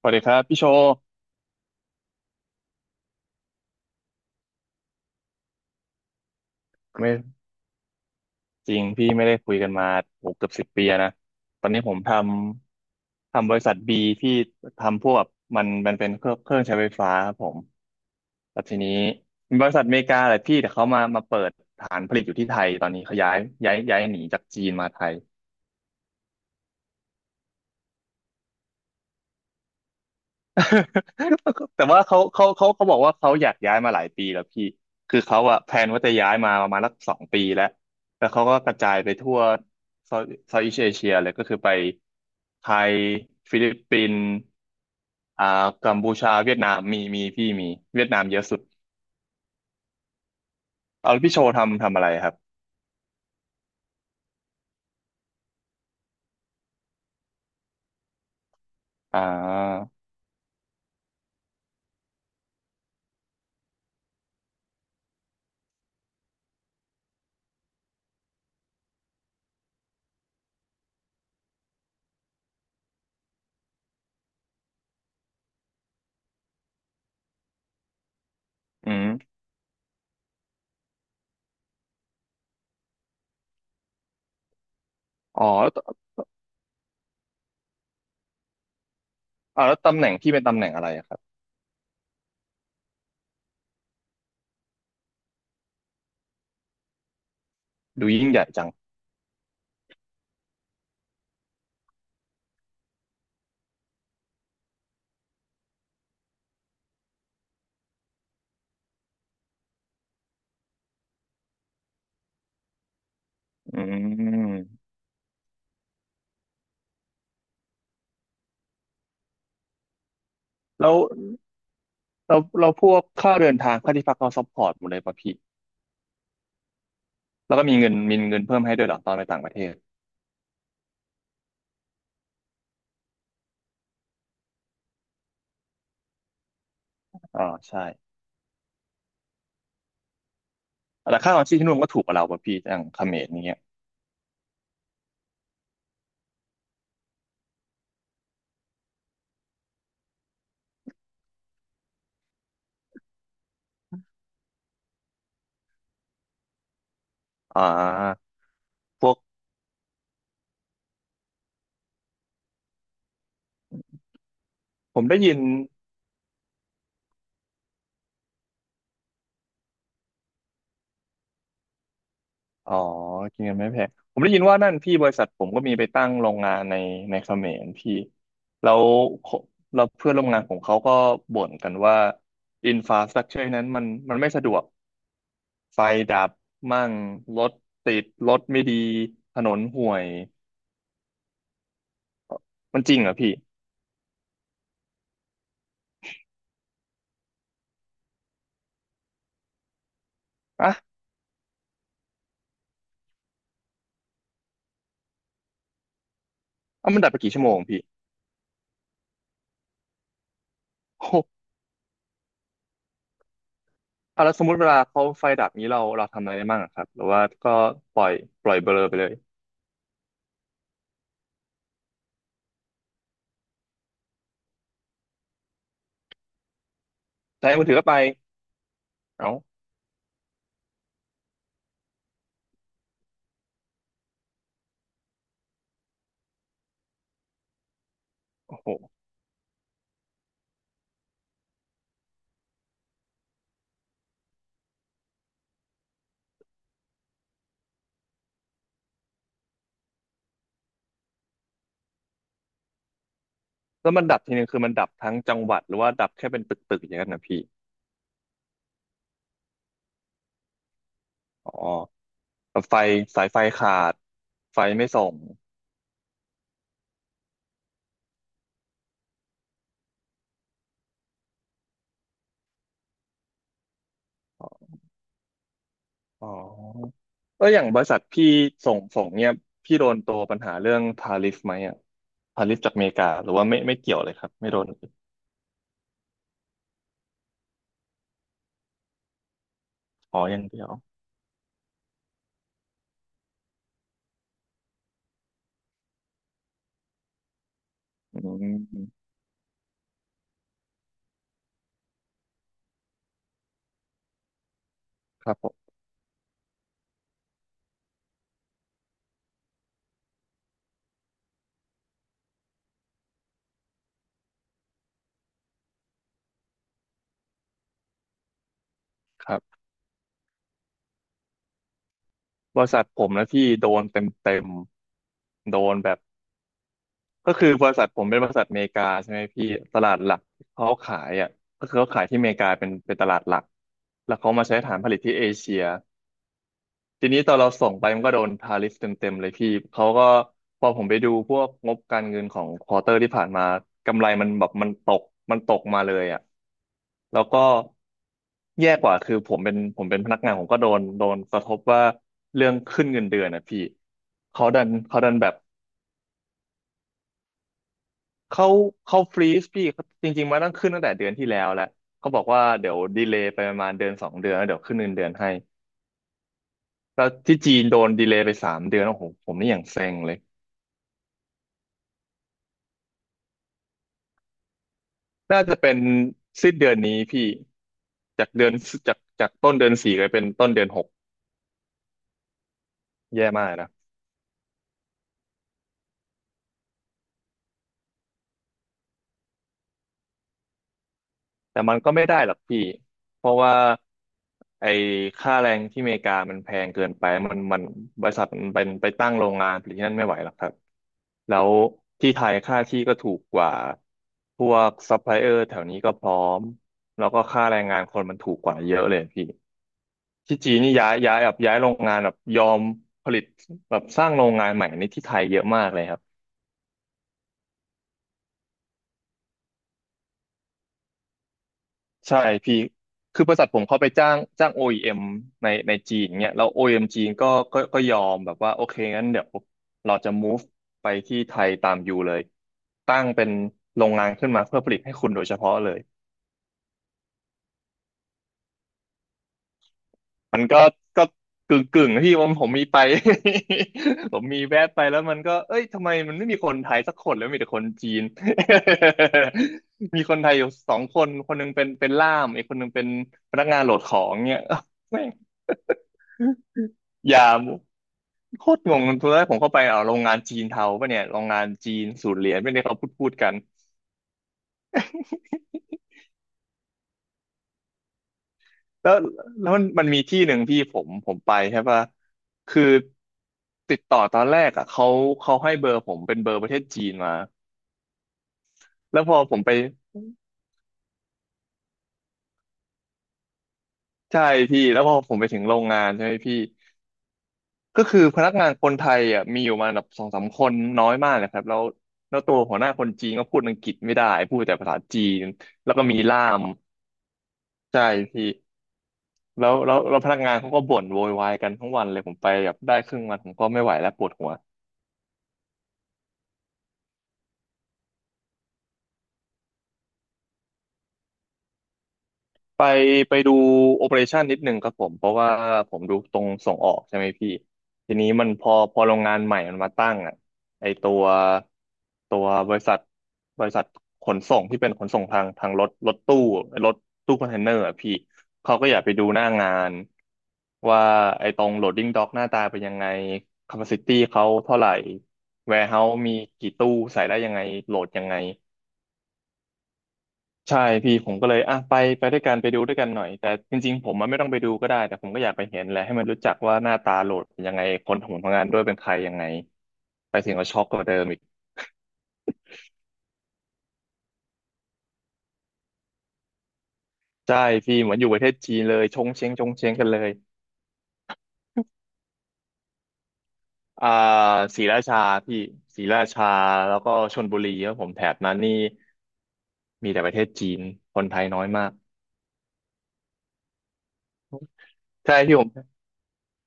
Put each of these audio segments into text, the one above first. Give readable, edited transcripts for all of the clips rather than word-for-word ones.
สวัสดีครับพี่โชว์ไม่จริงพี่ไม่ได้คุยกันมาโอ้เกือบสิบปีแล้วนะตอนนี้ผมทำบริษัทบีที่ทำพวกแบบมันเป็นเครื่องใช้ไฟฟ้าครับผมแล้วทีนี้เป็นบริษัทอเมริกาแหละพี่แต่เขามาเปิดฐานผลิตอยู่ที่ไทยตอนนี้เขาย้ายหนีจากจีนมาไทย แต่ว่าเขาบอกว่าเขาอยากย้ายมาหลายปีแล้วพี่คือเขาอะแพลนว่าจะย้ายมาประมาณสักสองปีแล้วแล้วเขาก็กระจายไปทั่วเซาท์อีสเอเชียเลยก็คือไปไทยฟิลิปปินส์อ่ากัมพูชาเวียดนามมีพี่มีเวียดนามเยอะสุดเอาแล้วพี่โชว์ทำอะไรครับอ่าอืมอ๋อแล้วตเอาแล้วตำแหน่งพี่เป็นตำแหน่งอะไรอะครับดูยิ่งใหญ่จังอืมแล้ว เราพวกค่าเดินทางค่าที่พักเราซัพพอร์ตหมดเลยป่ะพี่แล้วก็มีเงินเพิ่มให้ด้วยเหรอตอนไปต่างประเทศอ๋อใช่แต่ค่าครองชีพที่นู่นก็ถูกกว่าเราป่ะพี่อย่างเขมรอย่างเงี้ยอ่าพวกผมได้ยินอ๋อกินเงินไม่แพงผมได้ยินว่านั่นพี่บริษัทผมก็มีไปตั้งโรงงานในเขมรพี่แล้วเราเพื่อนร่วมงานของเขาก็บ่นกันว่าอินฟาสตรักเจอร์นั้นมันไม่สะดวกไฟดับมั่งรถติดรถไม่ดีถนนห่วย มันจริงเหรอพี่อ่ะอ่ะมันดับไปกี่ชั่วโมงพี่โอ้โหอ่ะแล้วสมมติเวลาเขาไฟดับนี้เราทำอะไรได้บ้างอะครับหรือว่าก็ปล่อยปล่อยเบลอไปเลยใช้มือถือก็ไปเอ้าโอ้โหแล้วมันดับทีนึงคือมันดับทั้งจังหวัดหรือว่าดับแค่เป็นตึกๆอย่างนั้นนะพี่อ๋อแบบไฟสายไฟขาดไฟไม่ส่งอ๋อแล้อย่างบริษัทพี่ส่งเนี่ยพี่โดนตัวปัญหาเรื่องทาริฟไหมอ่ะทาริฟจากอเมริกาหรือว่าไม่เกี่ยวเลยครับไม่โดนอ๋ออย่างเดียวอืมครับผม ครับบริษัทผมนะพี่โดนเต็มโดนแบบก็คือบริษัทผมเป็นบริษัทอเมริกาใช่ไหมพี่ตลาดหลักเขาขายอ่ะก็คือเขาขายที่อเมริกาเป็นตลาดหลักแล้วเขามาใช้ฐานผลิตที่เอเชีย ทีนี้ตอนเราส่งไปมันก็โดนทาริฟเต็มๆเลยพี่เขาก็พอผมไปดูพวกงบการเงินของควอเตอร์ที่ผ่านมากำไรมันแบบมันตกมันตกมาเลยอ่ะแล้วก็แย่กว่าคือผมเป็นพนักงานผมก็โดนกระทบว่าเรื่องขึ้นเงินเดือนนะพี่เขาดันแบบเขาเขาฟรีซพี่จริงๆมันต้องขึ้นตั้งแต่เดือนที่แล้วแหละเขาบอกว่าเดี๋ยวดีเลย์ไปประมาณเดือนสองเดือนแล้วเดี๋ยวขึ้นเงินเดือนให้แล้วที่จีนโดนดีเลย์ไปสามเดือนโอ้โหผมนี่อย่างเซ็งเลย น่าจะเป็นสิ้นเดือนนี้พี่จากเดือนจากต้นเดือนสี่ไปเป็นต้นเดือนหกแย่มากนะแต่มันก็ไม่ได้หรอกพี่เพราะว่าไอ้ค่าแรงที่อเมริกามันแพงเกินไปมันบริษัทมันเป็นไปตั้งโรงงานผลิตที่นั่นไม่ไหวหรอกครับแล้วที่ไทยค่าที่ก็ถูกกว่าพวกซัพพลายเออร์แถวนี้ก็พร้อมแล้วก็ค่าแรงงานคนมันถูกกว่าเยอะเลยพี่ ที่จีนนี่ย้ายแบบย้ายโรงงานแบบยอมผลิตแบบสร้างโรงงานใหม่ในที่ไทยเยอะมากเลยครับใช่พี่คือบริษัทผมเขาไปจ้าง OEM ในจีนเนี่ยแล้ว OEM จีนก็ยอมแบบว่าโอเคงั้นเดี๋ยวเราจะ move ไปที่ไทยตามอยู่เลยตั้งเป็นโรงงานขึ้นมาเพื่อผลิตให้คุณโดยเฉพาะเลย มันก็ก็กึ่งที่ผมมีไป ผมมีแวะไปแล้วมันก็เอ้ยทำไมมันไม่มีคนไทยสักคนแล้วมีแต่คนจีน มีคนไทยอยู่สองคนคนหนึงเป็นล่ามอีกคนหนึงเป็นพนักงานโหลดของเนี่ย แม่งอย่าโคตรงงตอนแรกผมเข้าไปเอาโรงงานจีนเทาปะเนี่ยโรงงานจีนสูตรเหรียญไม่ได้เขาพูดกัน แล้วแล้วมันมีที่หนึ่งพี่ผมไปใช่ปะคือติดต่อตอนแรกอ่ะเขาเขาให้เบอร์ผมเป็นเบอร์ประเทศจีนมาแล้วพอผมไปใช่พี่แล้วพอผมไปถึงโรงงานใช่ไหมพี่ก็คือพนักงานคนไทยอ่ะมีอยู่มาแบบสองสามคนน้อยมากเลยครับแล้วตัวหัวหน้าคนจีนก็พูดอังกฤษไม่ได้พูดแต่ภาษาจีนแล้วก็มีล่ามใช่พี่แล้วพนักงานเขาก็บ่นโวยวายกันทั้งวันเลยผมไปแบบได้ครึ่งวันผมก็ไม่ไหวแล้วปวดหัว ไปไปดูโอเปอเรชันนิดหนึ่งครับผมเพราะว่าผมดูตรงส่งออกใช่ไหมพี่ทีนี้มันพอโรงงานใหม่มันมาตั้งอ่ะไอตัวตัวบริษัทบริษัทขนส่งที่เป็นขนส่งทางรถตู้รถตู้คอนเทนเนอร์อ่ะพี่เขาก็อยากไปดูหน้างานว่าไอตรงโหลดดิ้งด็อกหน้าตาเป็นยังไงแคปซิตี้เขาเท่าไหร่แวร์เฮาส์มีกี่ตู้ใส่ได้ยังไงโหลดยังไง ใช่พี่ผมก็เลยอ่ะไปไปด้วยกันไปดูด้วยกันหน่อยแต่จริงๆผมมันไม่ต้องไปดูก็ได้แต่ผมก็อยากไปเห็นแหละให้มันรู้จักว่าหน้าตาโหลดเป็นยังไงคนทำผลงานด้วยเป็นใครยังไงไปถึงก็ช็อกกว่าเดิมอีกใช่พี่เหมือนอยู่ประเทศจีนเลยชงเชงชงเชงกันเลยอ่าศรีราชาพี่ศรีราชาแล้วก็ชลบุรีครับผมแถบนั้นนี่มีแต่ประเทศจีนคนไทยน้อยมากใช่พี่ผม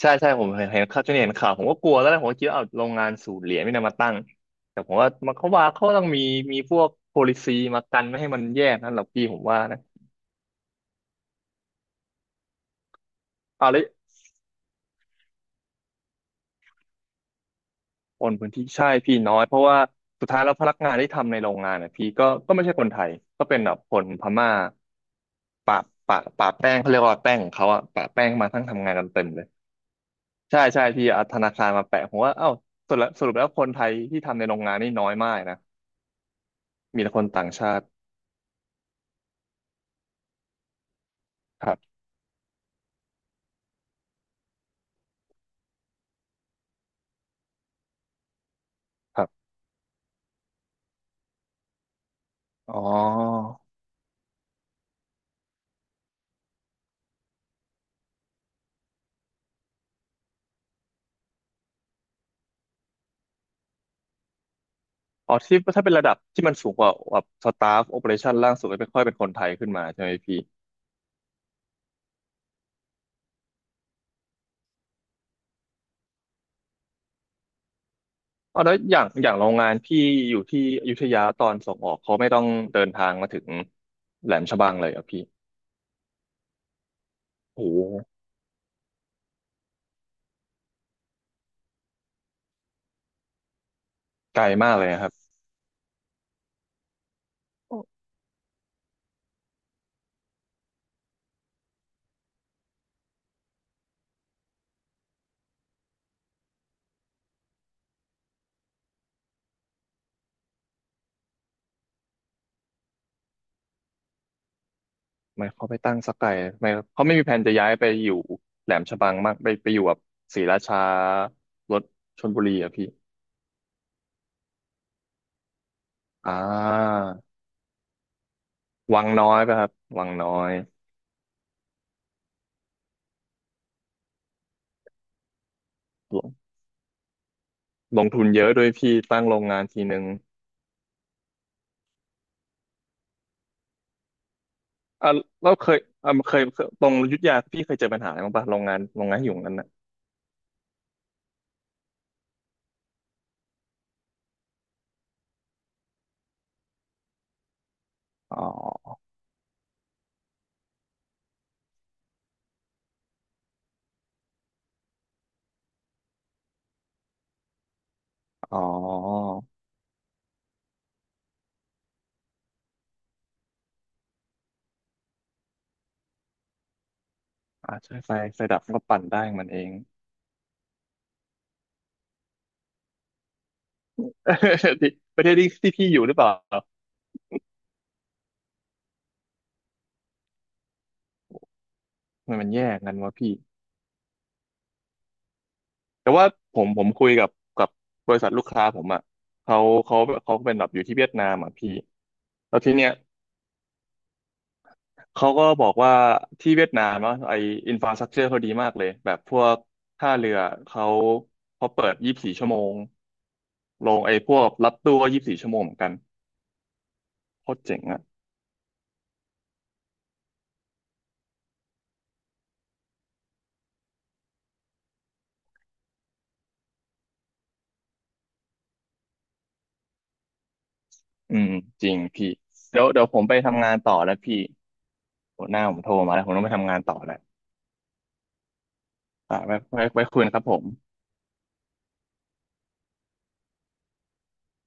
ใช่ผมเห็นข่าวจนเห็นข่าวผมก็กลัวแล้วนะผมก็คิดว่าเอาโรงงานสูบเหรียญไม่นำมาตั้งแต่ผมว่ามันเขาว่าเขาต้องมีมีพวก policy มากันไม่ให้มันแยกนั่นหรอกพี่ผมว่านะเอาแล้วโอนพื้นที่ใช่พี่น้อยเพราะว่าสุดท้ายแล้วพนักงานที่ทำในโรงงานนะพี่ก็ก็ไม่ใช่คนไทยก็เป็นแบบคนพม่าปะปะแป้งเขาเรียกว่าแป้งของเขาอะปะแป้งมาทั้งทำงานกันเต็มเลยใช่พี่เอาธนาคารมาแปะผมว่าเอ้าสรุปแล้วคนไทยที่ทำในโรงงานนี่น้อยมากนะมีแต่คนต่างชาติครับ อ๋ออ๋อที่ถ้าเป็นระดับที่มันสูงกว่าแบบสตาฟโอเปอเรชั่นล่างสุดก็ไม่ค่อยเป็นคนไทยขึ้นมาใช่ไหมพี่อ๋อแล้วอย่างโรงงานพี่อยู่ที่อยุธยาตอนส่งออกเขาไม่ต้องเดินทางมาถึงแหลมฉบังเลยเหรอ่ะพี่โอ้โหไกลมากเลยนะครับโอ้ทำไมเขาไปตั้งสักไกลทำไมเขาไม่มีแผนจะย้ายไปอยู่แหลมฉบังมากไปไปอยู่แบบศรีราชารถชลบุรีอ่ะพี่อ่าวังน้อยป่ะครับวังน้อยลงลงทุนเยอะด้วยพี่ตั้งโรงงานทีนึง อ่ะเราเคยอ่ะเคยตรงอยุธยาพี่เคยเจอปัญหาอะไรบ้างปะโรงงานที่อยู่ตรงนั้นน่ะอ๋ออ๋ออ่าใช่ไฟไฟดับมันก็ปั่นได้ของมันเอง ที่ประเทศที่พี่อยู่หรือเปล่ามันแย่กันวะพี่แต่ว่าผมคุยกับกับบริษัทลูกค้าผมอ่ะเขาเขาเขาเป็นแบบอยู่ที่เวียดนามอ่ะพี่แล้วทีเนี้ย เขาก็บอกว่าที่เวียดนามอะไออินฟราสตรักเจอร์เขาดีมากเลยแบบพวกท่าเรือเขาเขาเปิดยี่สิบสี่ชั่วโมงลงไอพวกรับตู้ก็ยี่สิบสี่ชั่วโมงเหมือนกันโคตรเจ๋งอ่ะอืมจริงพี่เดี๋ยวผมไปทำงานต่อแล้วพี่หัวหน้าผมโทรมาแล้วผมต้องไปทำงานต่อแล้วอ่าไว้ไว้คุยนะครับผม